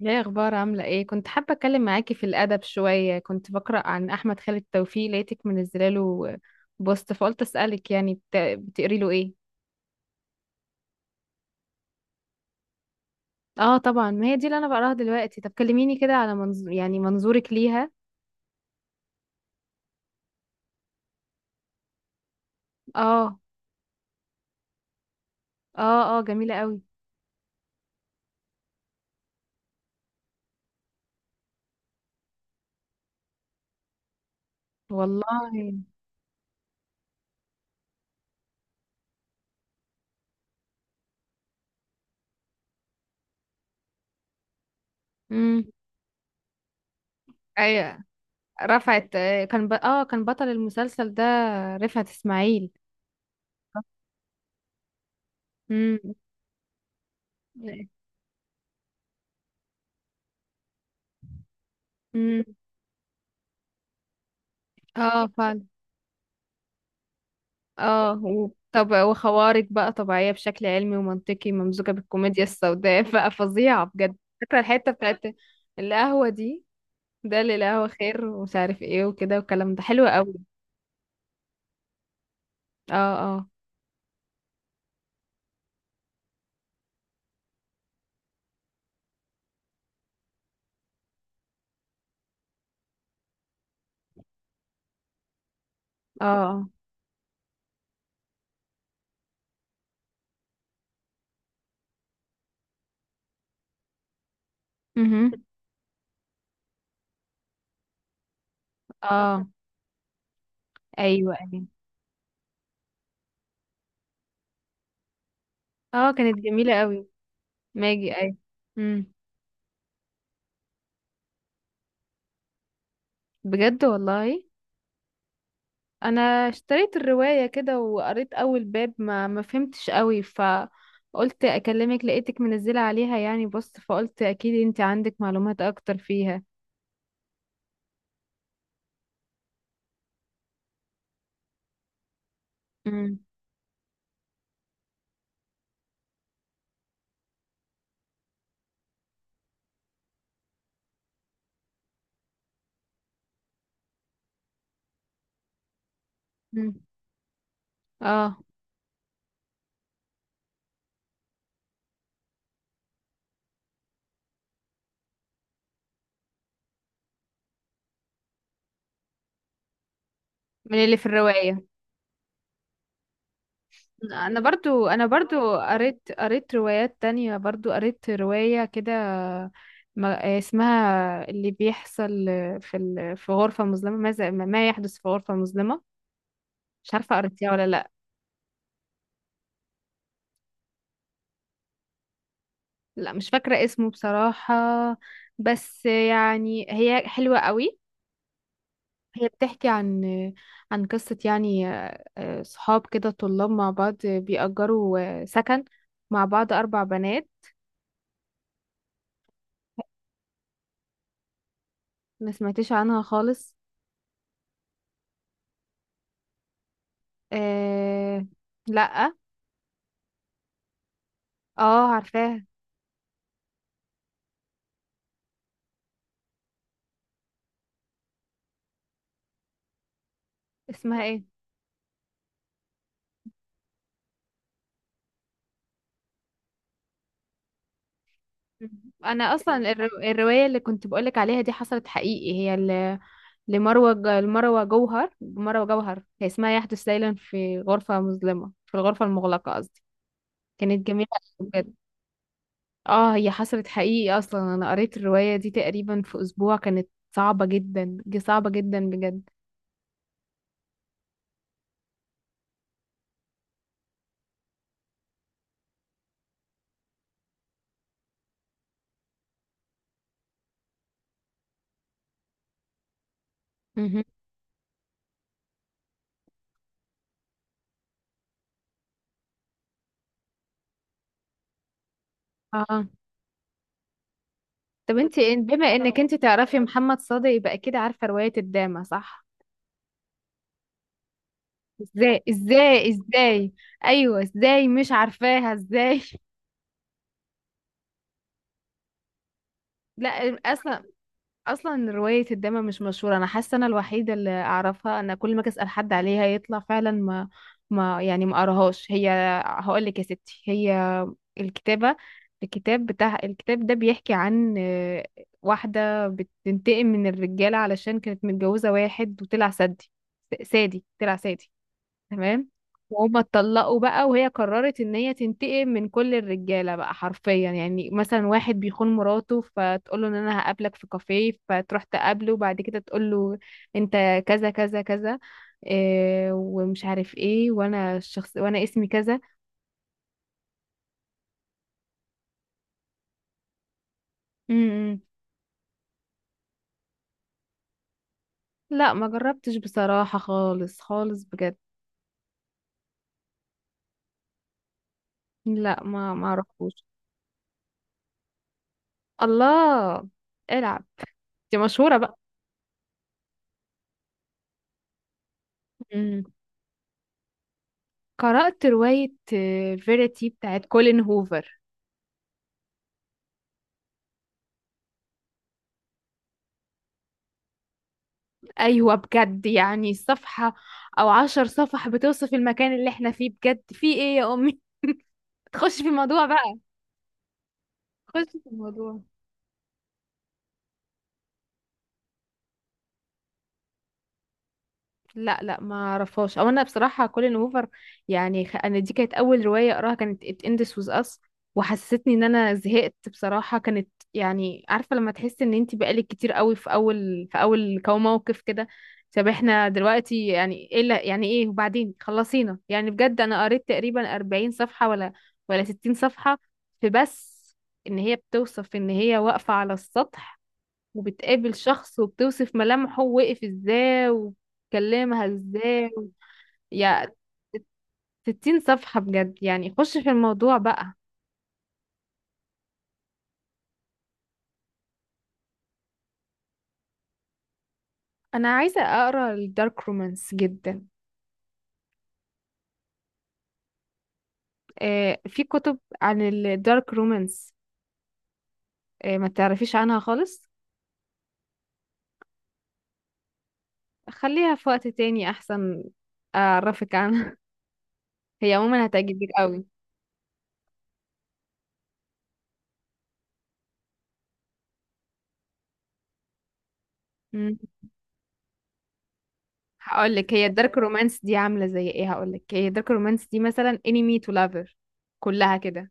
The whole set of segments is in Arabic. يا اخبار، عامله ايه؟ كنت حابه اتكلم معاكي في الادب شويه. كنت بقرا عن احمد خالد توفيق لقيتك منزله له بوست، فقلت اسالك، يعني بتقري له ايه؟ اه، طبعا، ما هي دي اللي انا بقراها دلوقتي. طب كلميني كده على منظورك ليها. اه، اه، اه، جميله قوي. والله. امم. ايوه. رفعت، كان ب... اه كان بطل المسلسل ده، رفعت اسماعيل. امم، امم. اه، فعلا. طب، وخوارق بقى طبيعية بشكل علمي ومنطقي، ممزوجة بالكوميديا السوداء بقى فظيعة بجد. فاكرة الحتة بتاعت القهوة دي؟ ده اللي القهوة خير ومش عارف ايه وكده، والكلام ده حلو قوي. اه، اه، اه، اه. مهم. اه. ايوه، ايوه. اه، كانت جميلة قوي. ماجي، ايوه. امم. بجد والله. انا اشتريت الرواية كده وقريت اول باب، ما فهمتش قوي، فقلت اكلمك. لقيتك منزلة عليها يعني، بص، فقلت اكيد انت عندك معلومات اكتر فيها. امم، امم. اه، من اللي في الرواية. انا برضو قريت روايات تانية، برضو قريت رواية كده. اسمها اللي بيحصل في في غرفة مظلمة. ماذا، ما يحدث في غرفة مظلمة. مش عارفة قريتيها ولا لا. لا، مش فاكرة اسمه بصراحة، بس يعني هي حلوة قوي. هي بتحكي عن قصة، يعني صحاب كده، طلاب مع بعض بيأجروا سكن مع بعض، أربع بنات. ما سمعتش عنها خالص. آه، لأ. اه، عارفاها. اسمها ايه؟ أنا أصلا الرواية اللي كنت بقولك عليها دي حصلت حقيقي، هي لمروة جوهر. مروة جوهر هي اسمها، يحدث ليلا في غرفة مظلمة، في الغرفة المغلقة قصدي. كانت جميلة أوي بجد. اه، هي حصلت حقيقي اصلا. انا قريت الرواية دي تقريبا في اسبوع، كانت صعبة جدا، صعبة جدا بجد. مهم. اه. طب انت بما انك انت تعرفي محمد صادق، يبقى اكيد عارفة رواية الدامة، صح؟ ازاي، ازاي، ازاي، ايوه ازاي مش عارفاها، ازاي لا، اصلا اصلا روايه الدمى مش مشهوره، انا حاسه انا الوحيده اللي اعرفها. انا كل ما أجي اسال حد عليها يطلع فعلا ما قراهاش. هي، هقول لك يا ستي، هي الكتابه الكتاب ده بيحكي عن، واحده بتنتقم من الرجاله، علشان كانت متجوزه واحد وطلع سادي، طلع سادي، تمام. وهما اتطلقوا بقى، وهي قررت ان هي تنتقم من كل الرجاله بقى حرفيا. يعني مثلا، واحد بيخون مراته فتقول له ان انا هقابلك في كافيه، فتروح تقابله، وبعد كده تقول له انت كذا كذا كذا، إيه ومش عارف ايه، وانا الشخص، وانا اسمي كذا. امم. لا، ما جربتش بصراحه، خالص خالص بجد. لا، ما اعرفوش. الله، العب. دي مشهوره بقى. امم. قرأت رواية فيريتي بتاعت كولين هوفر. ايوه، بجد. يعني صفحة او عشر صفح بتوصف المكان اللي احنا فيه، بجد في ايه يا امي تخش في الموضوع بقى. تخش في الموضوع. لا لا، ما اعرفهاش. او انا بصراحه كولين هوفر يعني، انا دي كانت اول روايه اقراها، كانت It Ends With Us، وحسستني ان انا زهقت بصراحه. كانت يعني، عارفه لما تحس ان انت بقالك كتير قوي في اول، موقف كده؟ طب احنا دلوقتي يعني ايه يعني ايه وبعدين؟ خلصينا يعني بجد. انا قريت تقريبا 40 صفحه ولا 60 صفحه. في بس ان هي بتوصف ان هي واقفه على السطح، وبتقابل شخص، وبتوصف ملامحه، وقف ازاي، وكلمها ازاي، يا 60 صفحة، بجد يعني خش في الموضوع بقى. انا عايزة اقرا الدارك رومانس جدا. آه، في كتب عن الدارك رومانس. آه، ما تعرفيش عنها خالص؟ خليها في وقت تاني احسن اعرفك عنها هي عموما هتعجبك قوي. مم. هقولك هي الدارك رومانس دي عاملة زي ايه، هقولك هي الدارك رومانس دي مثلا انمي تو لافر، كلها كده.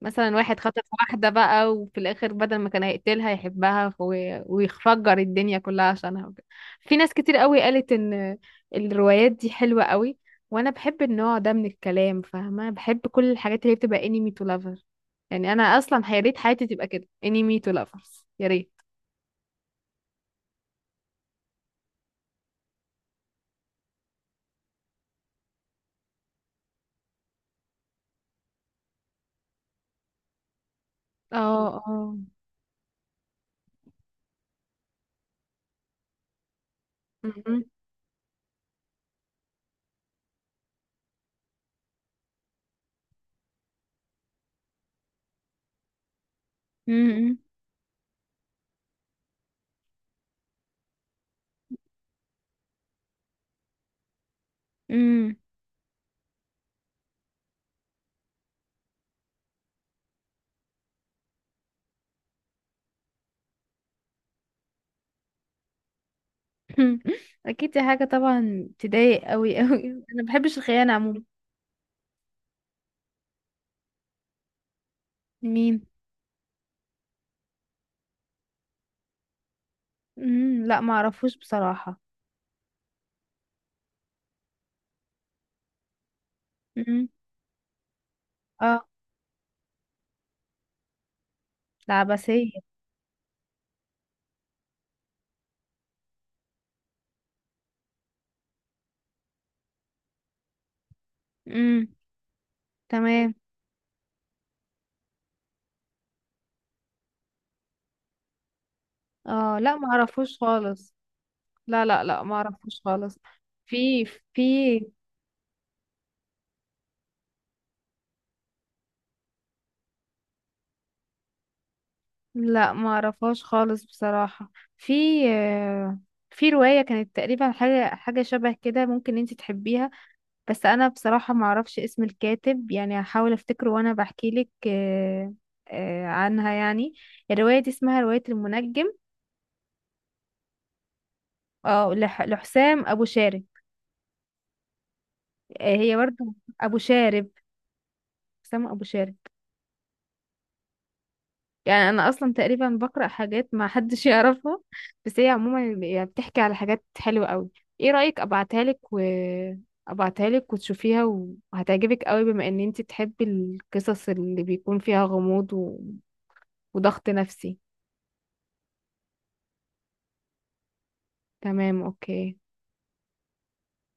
مثلا واحد خطف واحدة بقى، وفي الآخر بدل ما كان هيقتلها يحبها، ويفجر الدنيا كلها عشانها وكده. في ناس كتير قوي قالت إن الروايات دي حلوة قوي، وأنا بحب النوع ده من الكلام، فاهمة، بحب كل الحاجات اللي هي بتبقى انمي تو لافر. يعني أنا أصلا يا ريت حياتي تبقى كده، انمي تو لافرز يا ريت. اه، اه، م- امم، امم اكيد دي حاجه طبعا تضايق قوي قوي، انا ما بحبش الخيانه عموما. مين؟ امم، لا، ما اعرفوش بصراحه. امم. اه، العباسية. امم. تمام. اه، لا، ما اعرفوش خالص. لا لا لا، ما اعرفوش خالص. في في لا، ما اعرفهاش خالص بصراحة. في آه، في رواية كانت تقريبا حاجة، حاجة شبه كده، ممكن انت تحبيها. بس انا بصراحة ما اعرفش اسم الكاتب، يعني هحاول افتكره وانا بحكي لك، عنها يعني. الرواية دي اسمها رواية المنجم. اه، لحسام ابو شارب. هي برضو. ابو شارب، اسامة ابو شارك. يعني انا اصلا تقريبا بقرا حاجات ما حدش يعرفها. بس هي عموما يعني بتحكي على حاجات حلوه قوي. ايه رايك ابعتها لك، و ابعتها لك وتشوفيها، وهتعجبك قوي بما ان انت تحبي القصص اللي بيكون فيها غموض وضغط نفسي. تمام، اوكي.